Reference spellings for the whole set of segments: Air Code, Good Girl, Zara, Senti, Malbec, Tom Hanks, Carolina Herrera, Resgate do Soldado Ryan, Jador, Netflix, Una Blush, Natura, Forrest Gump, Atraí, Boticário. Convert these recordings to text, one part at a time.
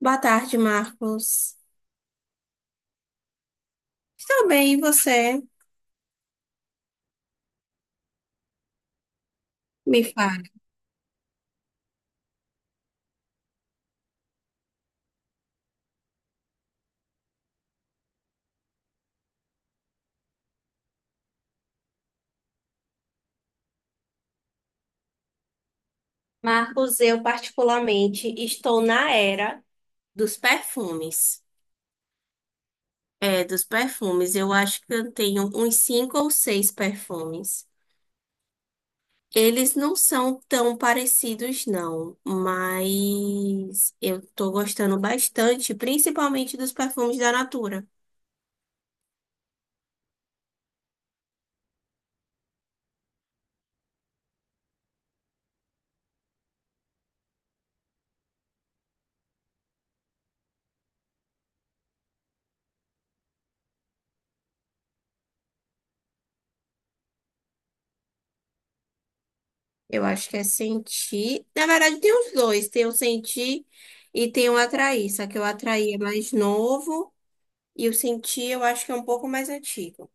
Boa tarde, Marcos. Estou bem, e você? Me fala. Marcos, eu particularmente estou na era dos perfumes. É, dos perfumes. Eu acho que eu tenho uns cinco ou seis perfumes. Eles não são tão parecidos, não, mas eu estou gostando bastante, principalmente dos perfumes da Natura. Eu acho que é Senti. Na verdade, tem os dois: tem o Senti e tem o Atraí. Só que o Atraí é mais novo. E o Senti, eu acho que é um pouco mais antigo.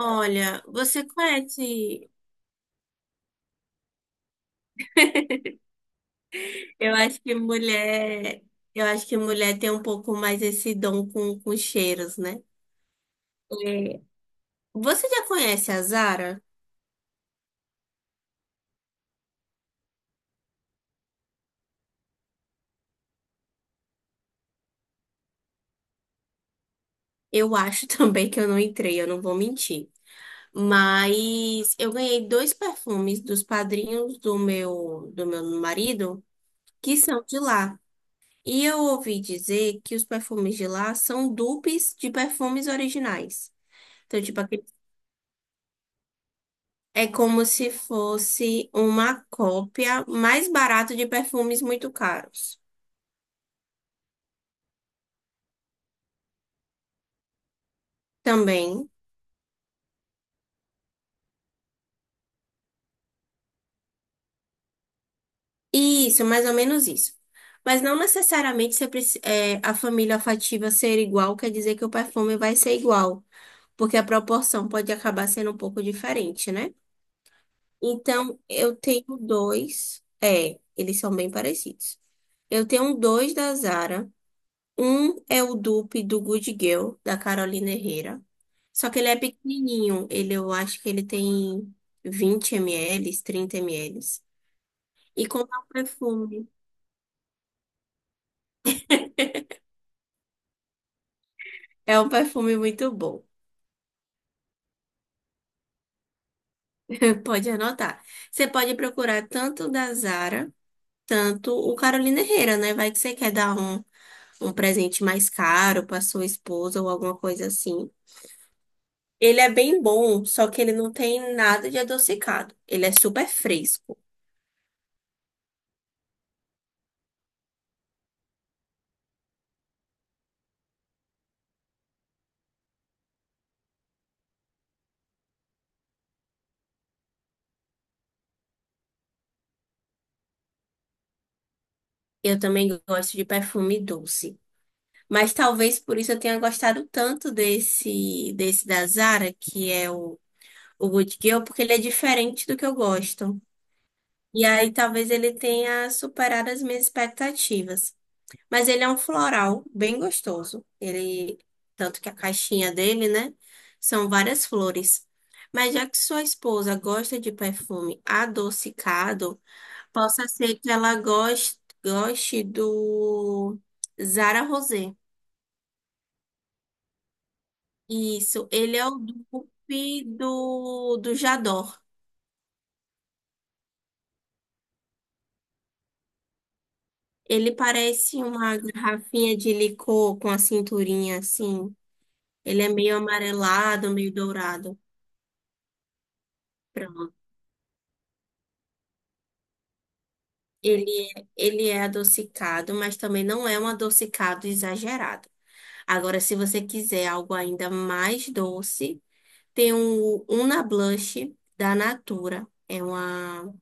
Olha, você conhece? Eu acho que mulher, eu acho que mulher tem um pouco mais esse dom com cheiros, né? É. Você já conhece a Zara? Eu acho também que eu não entrei, eu não vou mentir. Mas eu ganhei dois perfumes dos padrinhos do meu marido que são de lá. E eu ouvi dizer que os perfumes de lá são dupes de perfumes originais. Então, tipo, é como se fosse uma cópia mais barata de perfumes muito caros. Também. Isso, mais ou menos isso. Mas não necessariamente você é, a família afetiva ser igual quer dizer que o perfume vai ser igual, porque a proporção pode acabar sendo um pouco diferente, né? Então, eu tenho dois. É, eles são bem parecidos. Eu tenho um dois da Zara. Um é o dupe do Good Girl, da Carolina Herrera. Só que ele é pequenininho. Ele, eu acho que ele tem 20 ml, 30 ml. E comprar um perfume. É um perfume muito bom. Pode anotar. Você pode procurar tanto o da Zara, tanto o Carolina Herrera, né? Vai que você quer dar um presente mais caro para sua esposa ou alguma coisa assim. Ele é bem bom, só que ele não tem nada de adocicado. Ele é super fresco. Eu também gosto de perfume doce. Mas talvez por isso eu tenha gostado tanto desse da Zara, que é o Good Girl, porque ele é diferente do que eu gosto. E aí talvez ele tenha superado as minhas expectativas. Mas ele é um floral bem gostoso. Ele, tanto que a caixinha dele, né? São várias flores. Mas já que sua esposa gosta de perfume adocicado, possa ser que ela goste do Zara Rosé. Isso, ele é o dupe do Jador. Ele parece uma garrafinha de licor com a cinturinha assim. Ele é meio amarelado, meio dourado. Pronto. Ele é adocicado, mas também não é um adocicado exagerado. Agora, se você quiser algo ainda mais doce, tem um Una Blush da Natura. É uma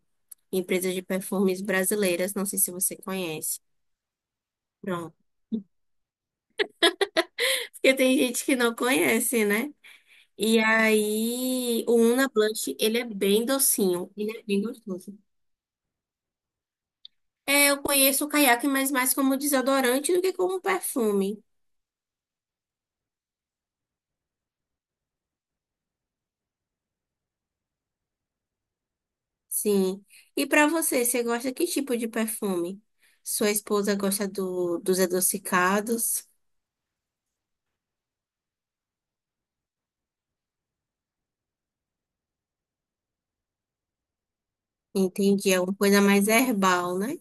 empresas de perfumes brasileiras, não sei se você conhece. Pronto. Porque tem gente que não conhece, né? E aí, o Una Blush, ele é bem docinho, ele é bem gostoso. É, eu conheço o Caiaque, mas mais como desodorante do que como perfume. Sim. E pra você, você gosta que tipo de perfume? Sua esposa gosta dos adocicados? Entendi, é uma coisa mais herbal, né?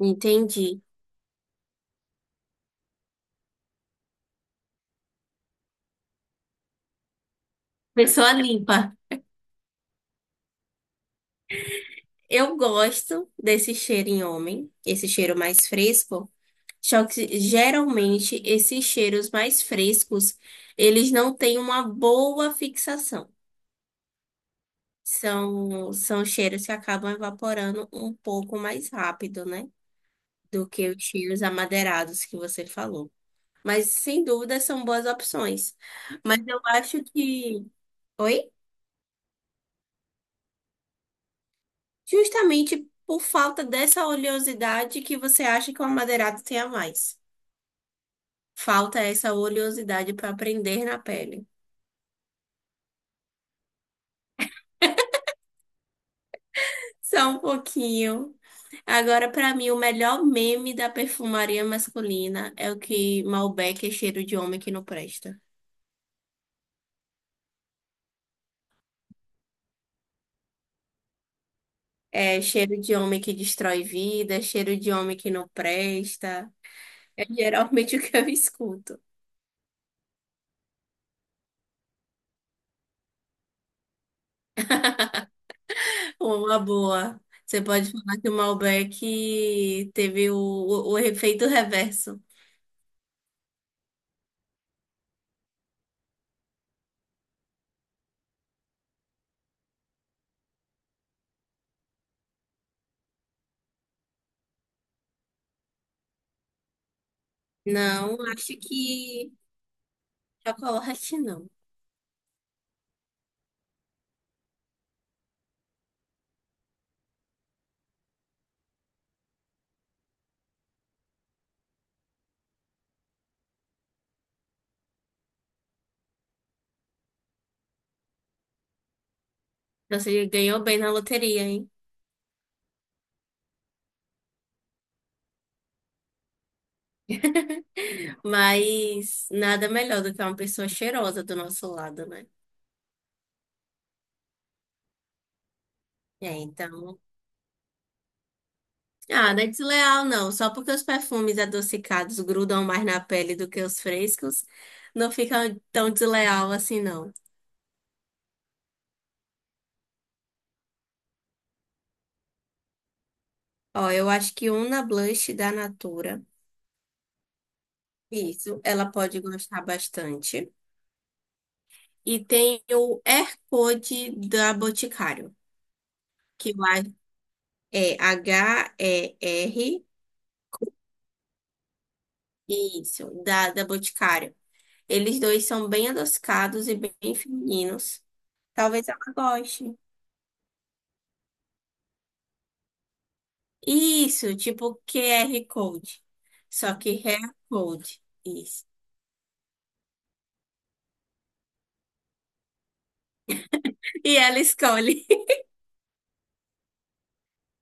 Entendi. Pessoa limpa. Eu gosto desse cheiro em homem, esse cheiro mais fresco, só que geralmente esses cheiros mais frescos, eles não têm uma boa fixação. São, são cheiros que acabam evaporando um pouco mais rápido, né? Do que os cheiros amadeirados que você falou. Mas sem dúvida são boas opções. Mas eu acho que. Oi? Justamente por falta dessa oleosidade que você acha que o amadeirado tem a mais. Falta essa oleosidade para prender na pele. Só um pouquinho. Agora, para mim, o melhor meme da perfumaria masculina é o que Malbec é cheiro de homem que não presta. É cheiro de homem que destrói vida, é cheiro de homem que não presta. É geralmente o que eu escuto. Uma boa. Você pode falar que o Malbec teve o efeito reverso. Não, acho que chocolate não. Você ganhou bem na loteria, hein? Mas nada melhor do que uma pessoa cheirosa do nosso lado, né? É, então. Ah, não é desleal, não. Só porque os perfumes adocicados grudam mais na pele do que os frescos, não fica tão desleal assim, não. Ó, eu acho que uma blush da Natura. Isso, ela pode gostar bastante. E tem o Air Code da Boticário, que lá é HER. Isso, da Boticário. Eles dois são bem adocicados e bem femininos. Talvez ela goste. Isso, tipo QR Code. Só que hair code. Isso. E ela escolhe.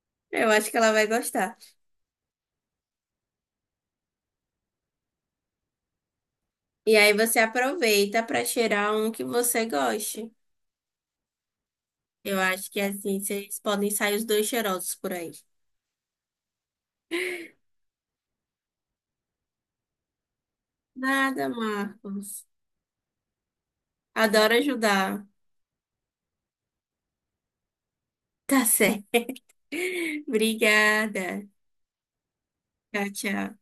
Eu acho que ela vai gostar. E aí você aproveita para cheirar um que você goste. Eu acho que assim vocês podem sair os dois cheirosos por aí. Nada, Marcos. Adoro ajudar. Tá certo. Obrigada. Tchau, tchau.